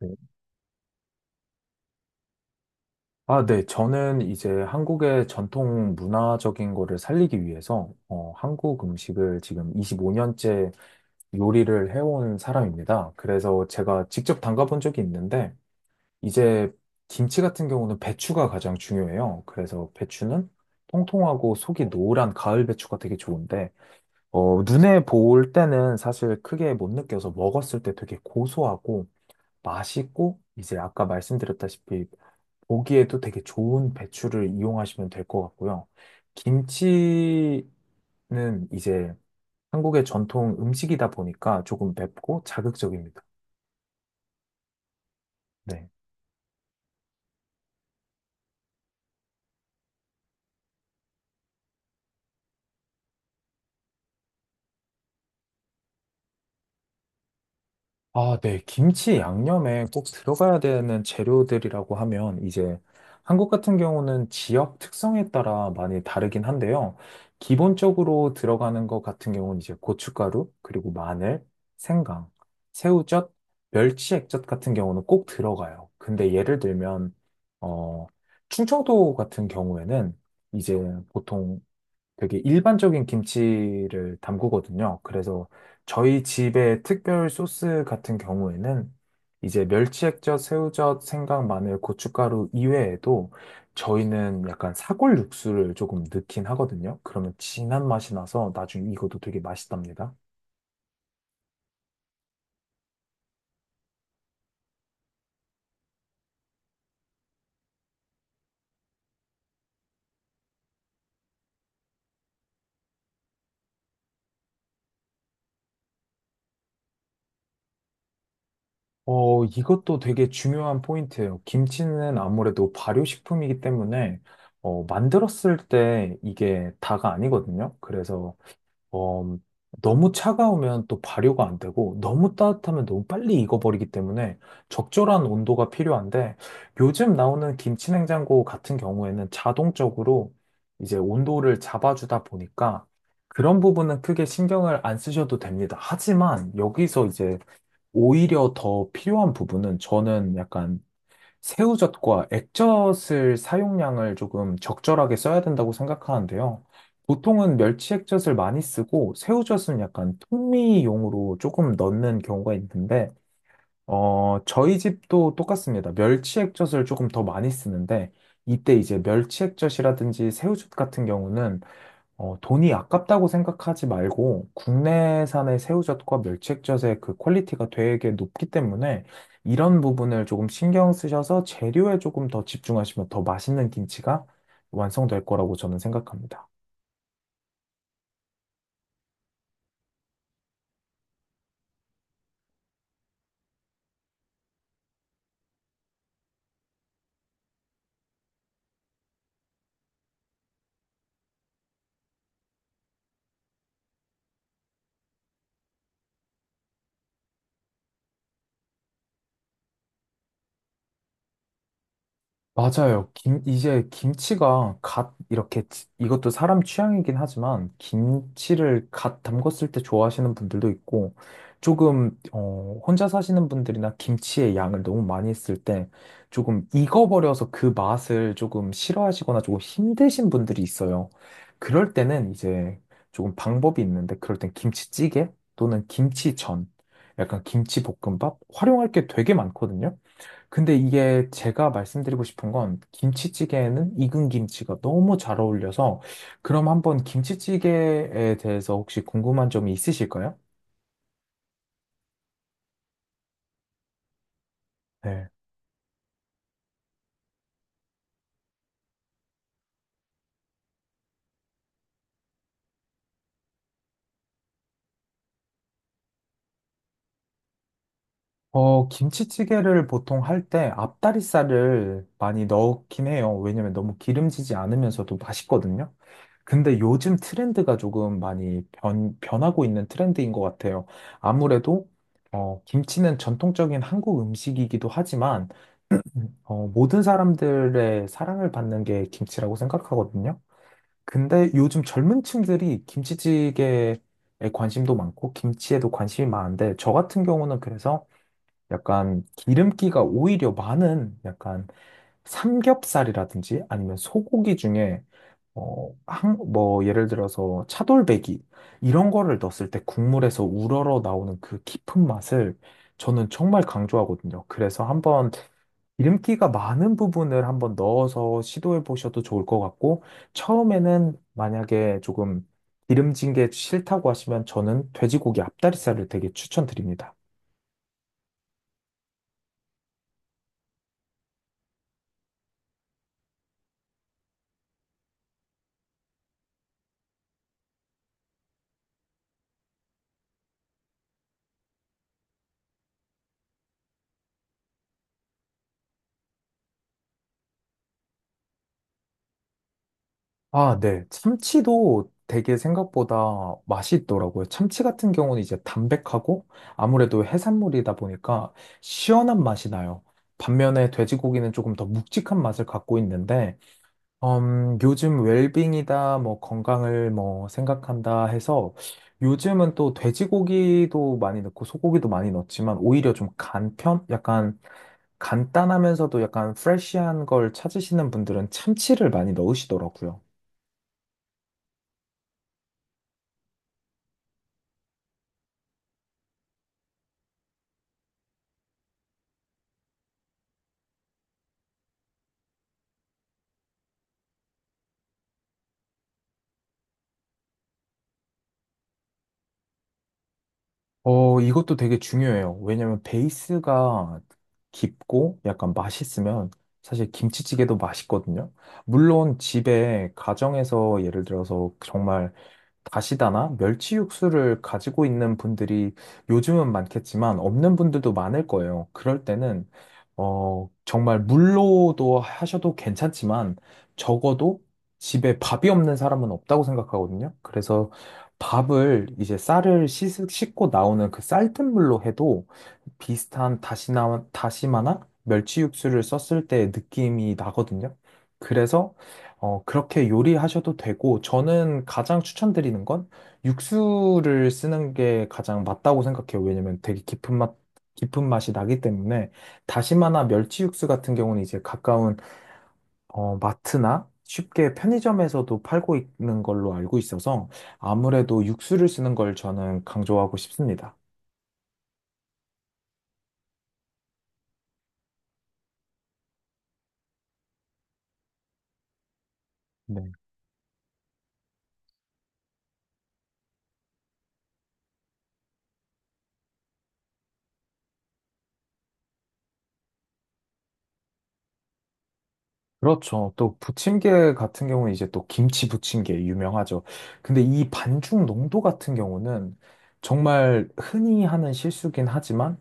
네. 아, 네. 저는 이제 한국의 전통 문화적인 거를 살리기 위해서 한국 음식을 지금 25년째 요리를 해온 사람입니다. 그래서 제가 직접 담가본 적이 있는데 이제 김치 같은 경우는 배추가 가장 중요해요. 그래서 배추는 통통하고 속이 노란 가을 배추가 되게 좋은데 눈에 보일 때는 사실 크게 못 느껴서 먹었을 때 되게 고소하고 맛있고 이제 아까 말씀드렸다시피 보기에도 되게 좋은 배추를 이용하시면 될 것 같고요. 김치는 이제 한국의 전통 음식이다 보니까 조금 맵고 자극적입니다. 네. 아, 네. 김치 양념에 꼭 들어가야 되는 재료들이라고 하면 이제 한국 같은 경우는 지역 특성에 따라 많이 다르긴 한데요. 기본적으로 들어가는 것 같은 경우는 이제 고춧가루, 그리고 마늘, 생강, 새우젓, 멸치 액젓 같은 경우는 꼭 들어가요. 근데 예를 들면, 어, 충청도 같은 경우에는 이제 보통 되게 일반적인 김치를 담그거든요. 그래서 저희 집의 특별 소스 같은 경우에는 이제 멸치액젓, 새우젓, 생강, 마늘, 고춧가루 이외에도 저희는 약간 사골 육수를 조금 넣긴 하거든요. 그러면 진한 맛이 나서 나중에 이것도 되게 맛있답니다. 이것도 되게 중요한 포인트예요. 김치는 아무래도 발효식품이기 때문에 만들었을 때 이게 다가 아니거든요. 그래서 어, 너무 차가우면 또 발효가 안 되고 너무 따뜻하면 너무 빨리 익어버리기 때문에 적절한 온도가 필요한데 요즘 나오는 김치냉장고 같은 경우에는 자동적으로 이제 온도를 잡아주다 보니까 그런 부분은 크게 신경을 안 쓰셔도 됩니다. 하지만 여기서 이제 오히려 더 필요한 부분은 저는 약간 새우젓과 액젓을 사용량을 조금 적절하게 써야 된다고 생각하는데요. 보통은 멸치 액젓을 많이 쓰고 새우젓은 약간 통미용으로 조금 넣는 경우가 있는데, 저희 집도 똑같습니다. 멸치 액젓을 조금 더 많이 쓰는데, 이때 이제 멸치 액젓이라든지 새우젓 같은 경우는 돈이 아깝다고 생각하지 말고 국내산의 새우젓과 멸치액젓의 그 퀄리티가 되게 높기 때문에 이런 부분을 조금 신경 쓰셔서 재료에 조금 더 집중하시면 더 맛있는 김치가 완성될 거라고 저는 생각합니다. 맞아요. 김, 이제 김치가 갓 이렇게 이것도 사람 취향이긴 하지만 김치를 갓 담궜을 때 좋아하시는 분들도 있고 조금 혼자 사시는 분들이나 김치의 양을 너무 많이 했을 때 조금 익어버려서 그 맛을 조금 싫어하시거나 조금 힘드신 분들이 있어요. 그럴 때는 이제 조금 방법이 있는데 그럴 땐 김치찌개 또는 김치전 약간 김치볶음밥 활용할 게 되게 많거든요. 근데 이게 제가 말씀드리고 싶은 건 김치찌개에는 익은 김치가 너무 잘 어울려서 그럼 한번 김치찌개에 대해서 혹시 궁금한 점이 있으실까요? 네. 김치찌개를 보통 할 때 앞다리살을 많이 넣긴 해요. 왜냐면 너무 기름지지 않으면서도 맛있거든요. 근데 요즘 트렌드가 조금 많이 변하고 있는 트렌드인 것 같아요. 아무래도 김치는 전통적인 한국 음식이기도 하지만 모든 사람들의 사랑을 받는 게 김치라고 생각하거든요. 근데 요즘 젊은 층들이 김치찌개에 관심도 많고 김치에도 관심이 많은데 저 같은 경우는 그래서 약간 기름기가 오히려 많은 약간 삼겹살이라든지 아니면 소고기 중에 한, 뭐 예를 들어서 차돌배기 이런 거를 넣었을 때 국물에서 우러러 나오는 그 깊은 맛을 저는 정말 강조하거든요. 그래서 한번 기름기가 많은 부분을 한번 넣어서 시도해 보셔도 좋을 것 같고, 처음에는 만약에 조금 기름진 게 싫다고 하시면 저는 돼지고기 앞다리살을 되게 추천드립니다. 아, 네. 참치도 되게 생각보다 맛이 있더라고요. 참치 같은 경우는 이제 담백하고 아무래도 해산물이다 보니까 시원한 맛이 나요. 반면에 돼지고기는 조금 더 묵직한 맛을 갖고 있는데, 요즘 웰빙이다, 뭐 건강을 뭐 생각한다 해서 요즘은 또 돼지고기도 많이 넣고 소고기도 많이 넣지만 오히려 좀 간편? 약간 간단하면서도 약간 프레쉬한 걸 찾으시는 분들은 참치를 많이 넣으시더라고요. 이것도 되게 중요해요. 왜냐면 베이스가 깊고 약간 맛있으면 사실 김치찌개도 맛있거든요. 물론 집에 가정에서 예를 들어서 정말 다시다나 멸치 육수를 가지고 있는 분들이 요즘은 많겠지만 없는 분들도 많을 거예요. 그럴 때는 정말 물로도 하셔도 괜찮지만 적어도 집에 밥이 없는 사람은 없다고 생각하거든요. 그래서 밥을 이제 쌀을 씻고 나오는 그 쌀뜨물 물로 해도 비슷한 다시마나 멸치 육수를 썼을 때 느낌이 나거든요. 그래서 그렇게 요리하셔도 되고, 저는 가장 추천드리는 건 육수를 쓰는 게 가장 맞다고 생각해요. 왜냐면 되게 깊은 맛, 깊은 맛이 나기 때문에 다시마나 멸치 육수 같은 경우는 이제 가까운 마트나 쉽게 편의점에서도 팔고 있는 걸로 알고 있어서 아무래도 육수를 쓰는 걸 저는 강조하고 싶습니다. 네. 그렇죠. 또 부침개 같은 경우는 이제 또 김치 부침개 유명하죠. 근데 이 반죽 농도 같은 경우는 정말 흔히 하는 실수긴 하지만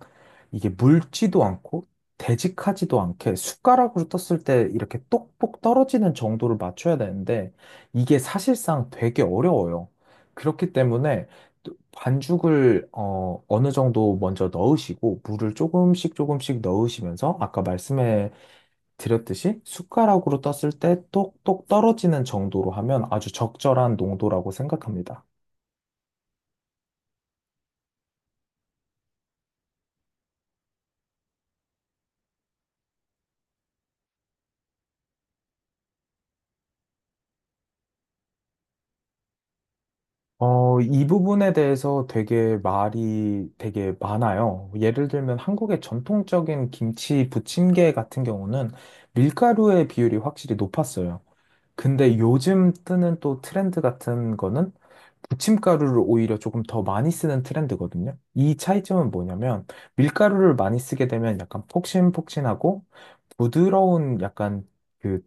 이게 묽지도 않고 되직하지도 않게 숟가락으로 떴을 때 이렇게 똑똑 떨어지는 정도를 맞춰야 되는데 이게 사실상 되게 어려워요. 그렇기 때문에 또 반죽을 어느 정도 먼저 넣으시고 물을 조금씩 조금씩 넣으시면서 아까 말씀해 드렸듯이 숟가락으로 떴을 때 똑똑 떨어지는 정도로 하면 아주 적절한 농도라고 생각합니다. 이 부분에 대해서 되게 말이 되게 많아요. 예를 들면 한국의 전통적인 김치 부침개 같은 경우는 밀가루의 비율이 확실히 높았어요. 근데 요즘 뜨는 또 트렌드 같은 거는 부침가루를 오히려 조금 더 많이 쓰는 트렌드거든요. 이 차이점은 뭐냐면 밀가루를 많이 쓰게 되면 약간 폭신폭신하고 부드러운 약간 그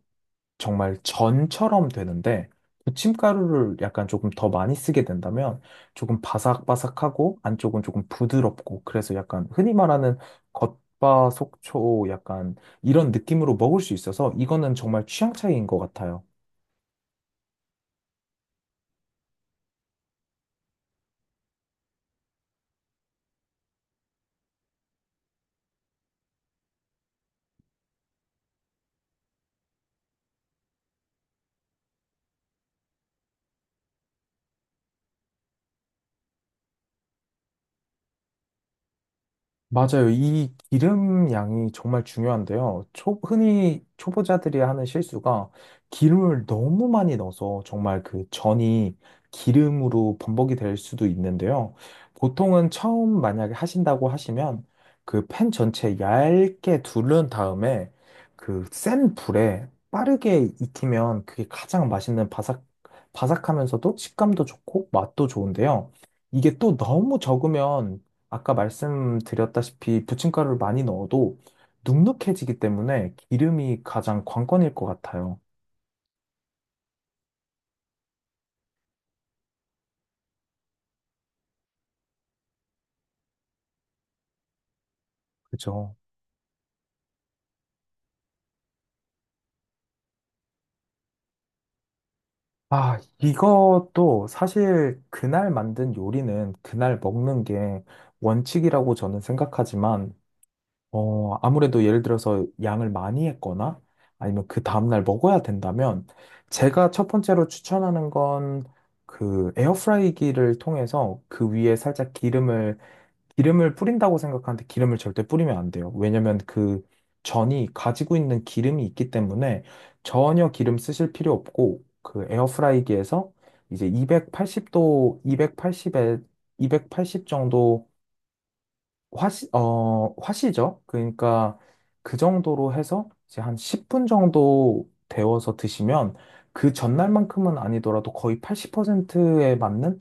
정말 전처럼 되는데 부침가루를 약간 조금 더 많이 쓰게 된다면 조금 바삭바삭하고 안쪽은 조금 부드럽고 그래서 약간 흔히 말하는 겉바속촉 약간 이런 느낌으로 먹을 수 있어서 이거는 정말 취향 차이인 것 같아요. 맞아요. 이 기름 양이 정말 중요한데요. 흔히 초보자들이 하는 실수가 기름을 너무 많이 넣어서 정말 그 전이 기름으로 범벅이 될 수도 있는데요. 보통은 처음 만약에 하신다고 하시면 그 팬 전체 얇게 두른 다음에 그 센 불에 빠르게 익히면 그게 가장 맛있는 바삭하면서도 식감도 좋고 맛도 좋은데요. 이게 또 너무 적으면 아까 말씀드렸다시피 부침가루를 많이 넣어도 눅눅해지기 때문에 기름이 가장 관건일 것 같아요. 그죠? 아, 이것도 사실 그날 만든 요리는 그날 먹는 게 원칙이라고 저는 생각하지만, 아무래도 예를 들어서 양을 많이 했거나 아니면 그 다음날 먹어야 된다면 제가 첫 번째로 추천하는 건 그 에어프라이기를 통해서 그 위에 살짝 기름을 뿌린다고 생각하는데 기름을 절대 뿌리면 안 돼요. 왜냐면 그 전이 가지고 있는 기름이 있기 때문에 전혀 기름 쓰실 필요 없고 그 에어프라이기에서 이제 280도, 280에 280 정도 화시죠. 그러니까 그 정도로 해서 이제 한 10분 정도 데워서 드시면 그 전날만큼은 아니더라도 거의 80%에 맞는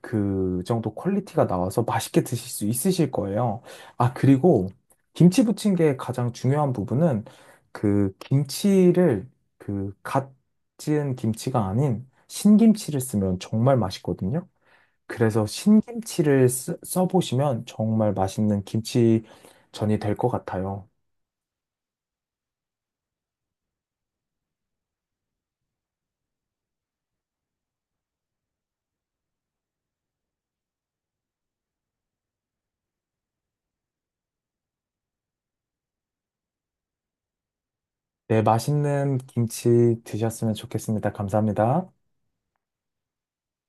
그 정도 퀄리티가 나와서 맛있게 드실 수 있으실 거예요. 아, 그리고 김치 부침개의 가장 중요한 부분은 그 김치를 그갓 지은 김치가 아닌 신김치를 쓰면 정말 맛있거든요. 그래서 신김치를 써보시면 정말 맛있는 김치전이 될 것 같아요. 네, 맛있는 김치 드셨으면 좋겠습니다. 감사합니다.